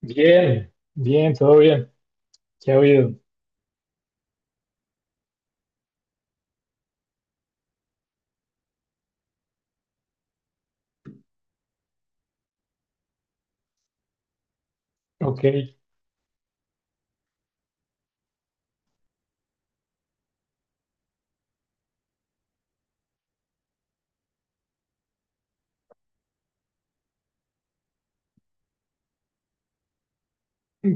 Bien, bien, todo bien. ¿Qué ha habido? Ok,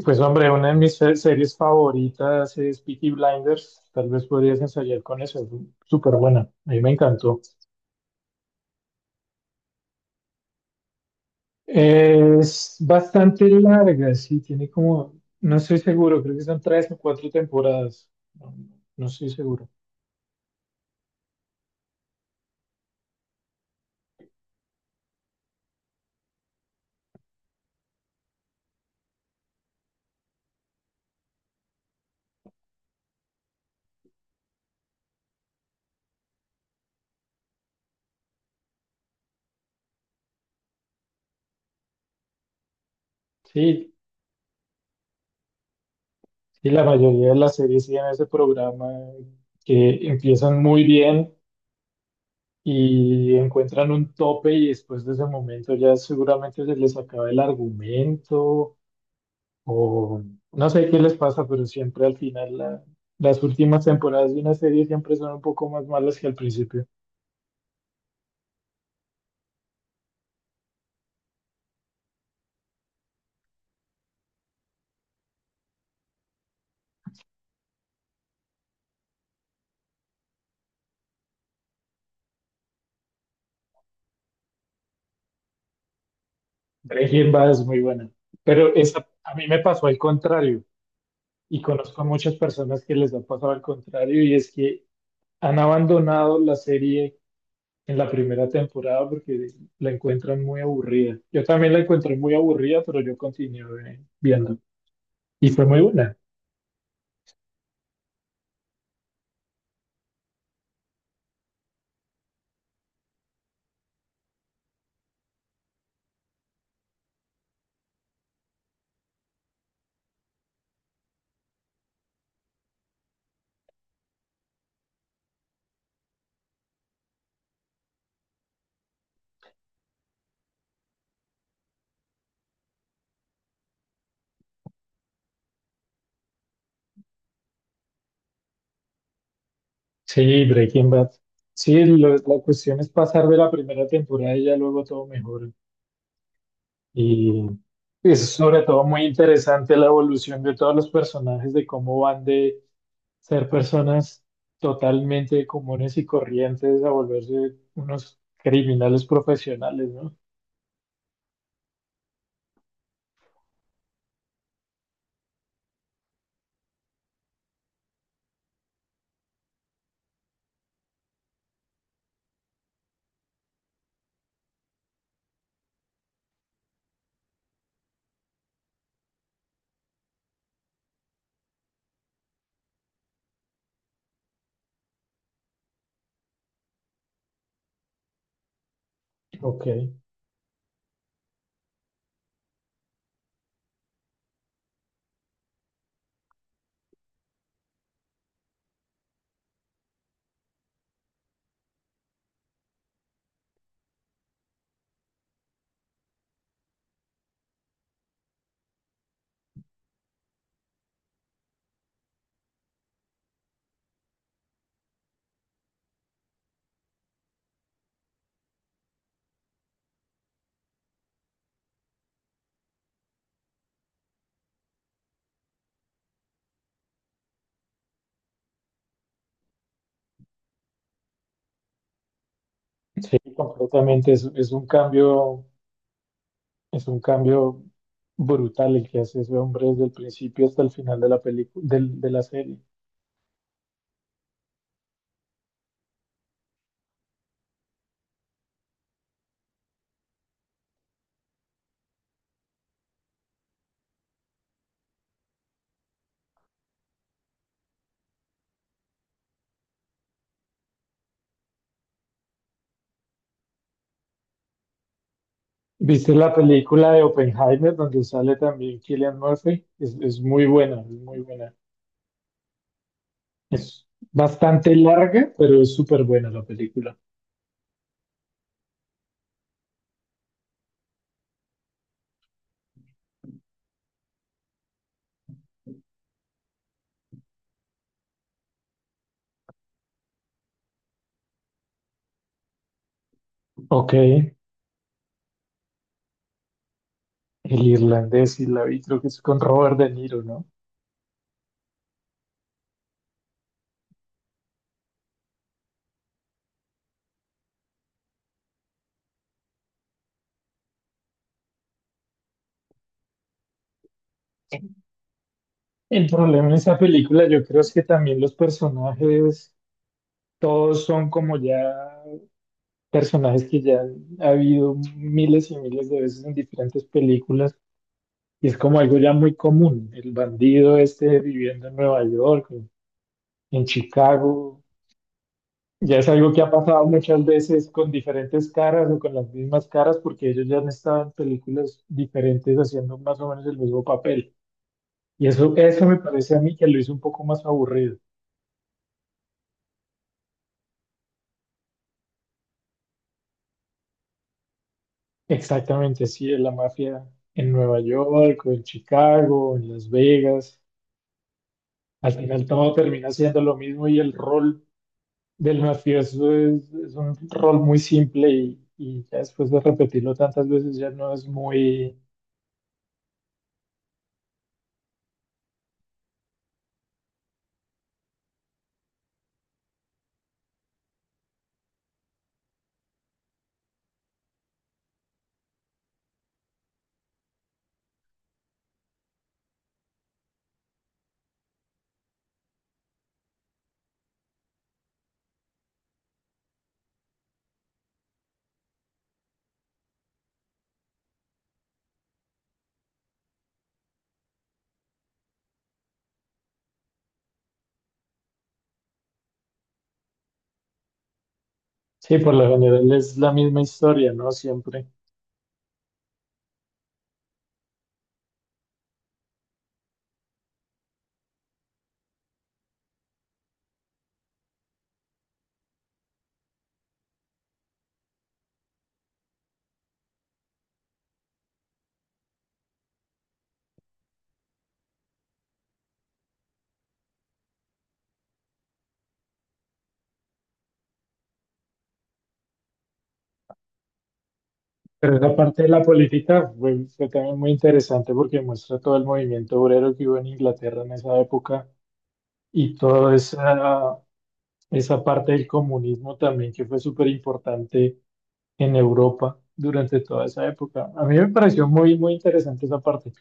pues hombre, una de mis series favoritas es Peaky Blinders. Tal vez podrías ensayar con eso. Es súper buena. A mí me encantó. Es bastante larga, sí. Tiene como, no estoy seguro, creo que son 3 o 4 temporadas. No, no estoy seguro. Sí, y la mayoría de las series tienen ese programa que empiezan muy bien, y encuentran un tope y después de ese momento ya seguramente se les acaba el argumento o no sé qué les pasa, pero siempre al final las últimas temporadas de una serie siempre son un poco más malas que al principio. Breaking Bad es muy buena, pero esa, a mí me pasó al contrario, y conozco a muchas personas que les ha pasado al contrario, y es que han abandonado la serie en la primera temporada porque la encuentran muy aburrida. Yo también la encontré muy aburrida, pero yo continué viendo. Y fue muy buena. Sí, Breaking Bad. Sí, la cuestión es pasar de la primera temporada y ya luego todo mejora. Y es sobre todo muy interesante la evolución de todos los personajes, de cómo van de ser personas totalmente comunes y corrientes a volverse unos criminales profesionales, ¿no? Ok. Sí, completamente. Es un cambio, es un cambio brutal el que hace ese hombre desde el principio hasta el final de la película, de la serie. ¿Viste la película de Oppenheimer donde sale también Cillian Murphy? Es muy buena, es muy buena. Es bastante larga, pero es súper buena la película. Ok, el irlandés y la vi, creo que es con Robert De Niro, ¿no? El problema en esa película yo creo es que también los personajes, todos son como ya personajes que ya han habido miles y miles de veces en diferentes películas, y es como algo ya muy común. El bandido este viviendo en Nueva York, en Chicago, ya es algo que ha pasado muchas veces con diferentes caras o con las mismas caras porque ellos ya han estado en películas diferentes haciendo más o menos el mismo papel. Y eso me parece a mí que lo hizo un poco más aburrido. Exactamente, sí, de la mafia en Nueva York o en Chicago, en Las Vegas. Al final todo termina siendo lo mismo, y el rol del mafioso es un rol muy simple y ya después de repetirlo tantas veces ya no es muy... Sí, por lo general es la misma historia, ¿no? Siempre. Pero esa parte de la política fue, fue también muy interesante porque muestra todo el movimiento obrero que hubo en Inglaterra en esa época y toda esa, esa parte del comunismo también que fue súper importante en Europa durante toda esa época. A mí me pareció muy, muy interesante esa parte.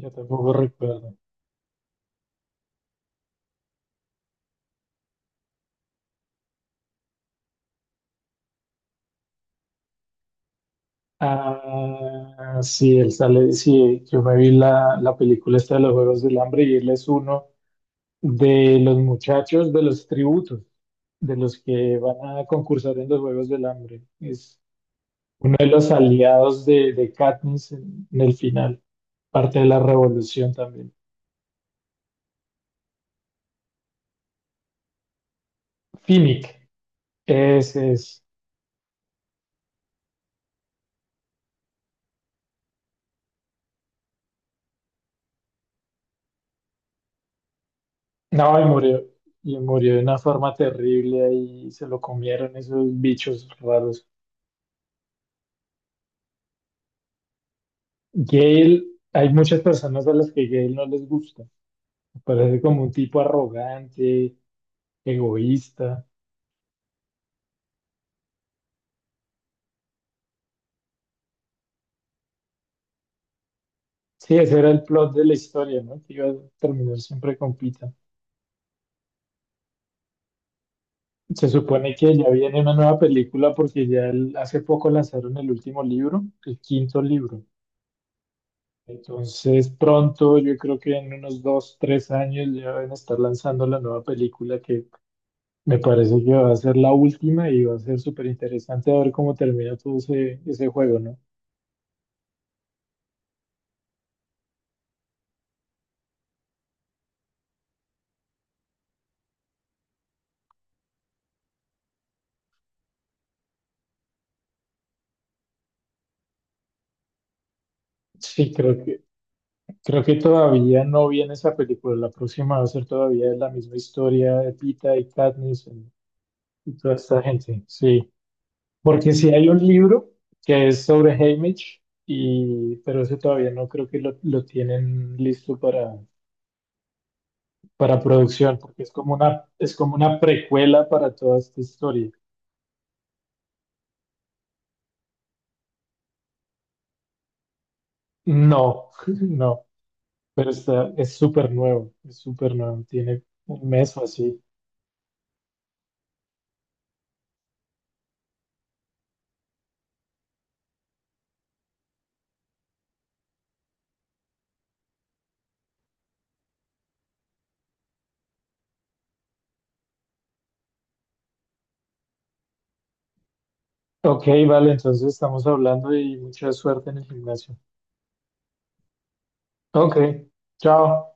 Yo tampoco recuerdo. Ah, sí, él sale, sí, yo me vi la, la película esta de los Juegos del Hambre, y él es uno de los muchachos de los tributos, de los que van a concursar en los Juegos del Hambre. Es uno de los aliados de Katniss en el final, parte de la revolución también. Finnick, ese es. No, y murió de una forma terrible ahí, se lo comieron esos bichos raros. Gale, hay muchas personas a las que Gale no les gusta. Me parece como un tipo arrogante, egoísta. Sí, ese era el plot de la historia, ¿no? Que iba a terminar siempre con Pita. Se supone que ya viene una nueva película porque ya hace poco lanzaron el último libro, el quinto libro. Entonces pronto, yo creo que en unos 2, 3 años ya van a estar lanzando la nueva película que me parece que va a ser la última, y va a ser súper interesante a ver cómo termina todo ese, ese juego, ¿no? Sí, creo que todavía no viene esa película. La próxima va a ser todavía la misma historia de Pita y Katniss y toda esta gente. Sí, porque si hay un libro que es sobre Haymitch, y, pero ese todavía no creo que lo tienen listo para producción, porque es como una precuela para toda esta historia. No, no. Pero está, es súper nuevo, tiene un mes o así. Ok, vale, entonces estamos hablando y mucha suerte en el gimnasio. Ok, chao.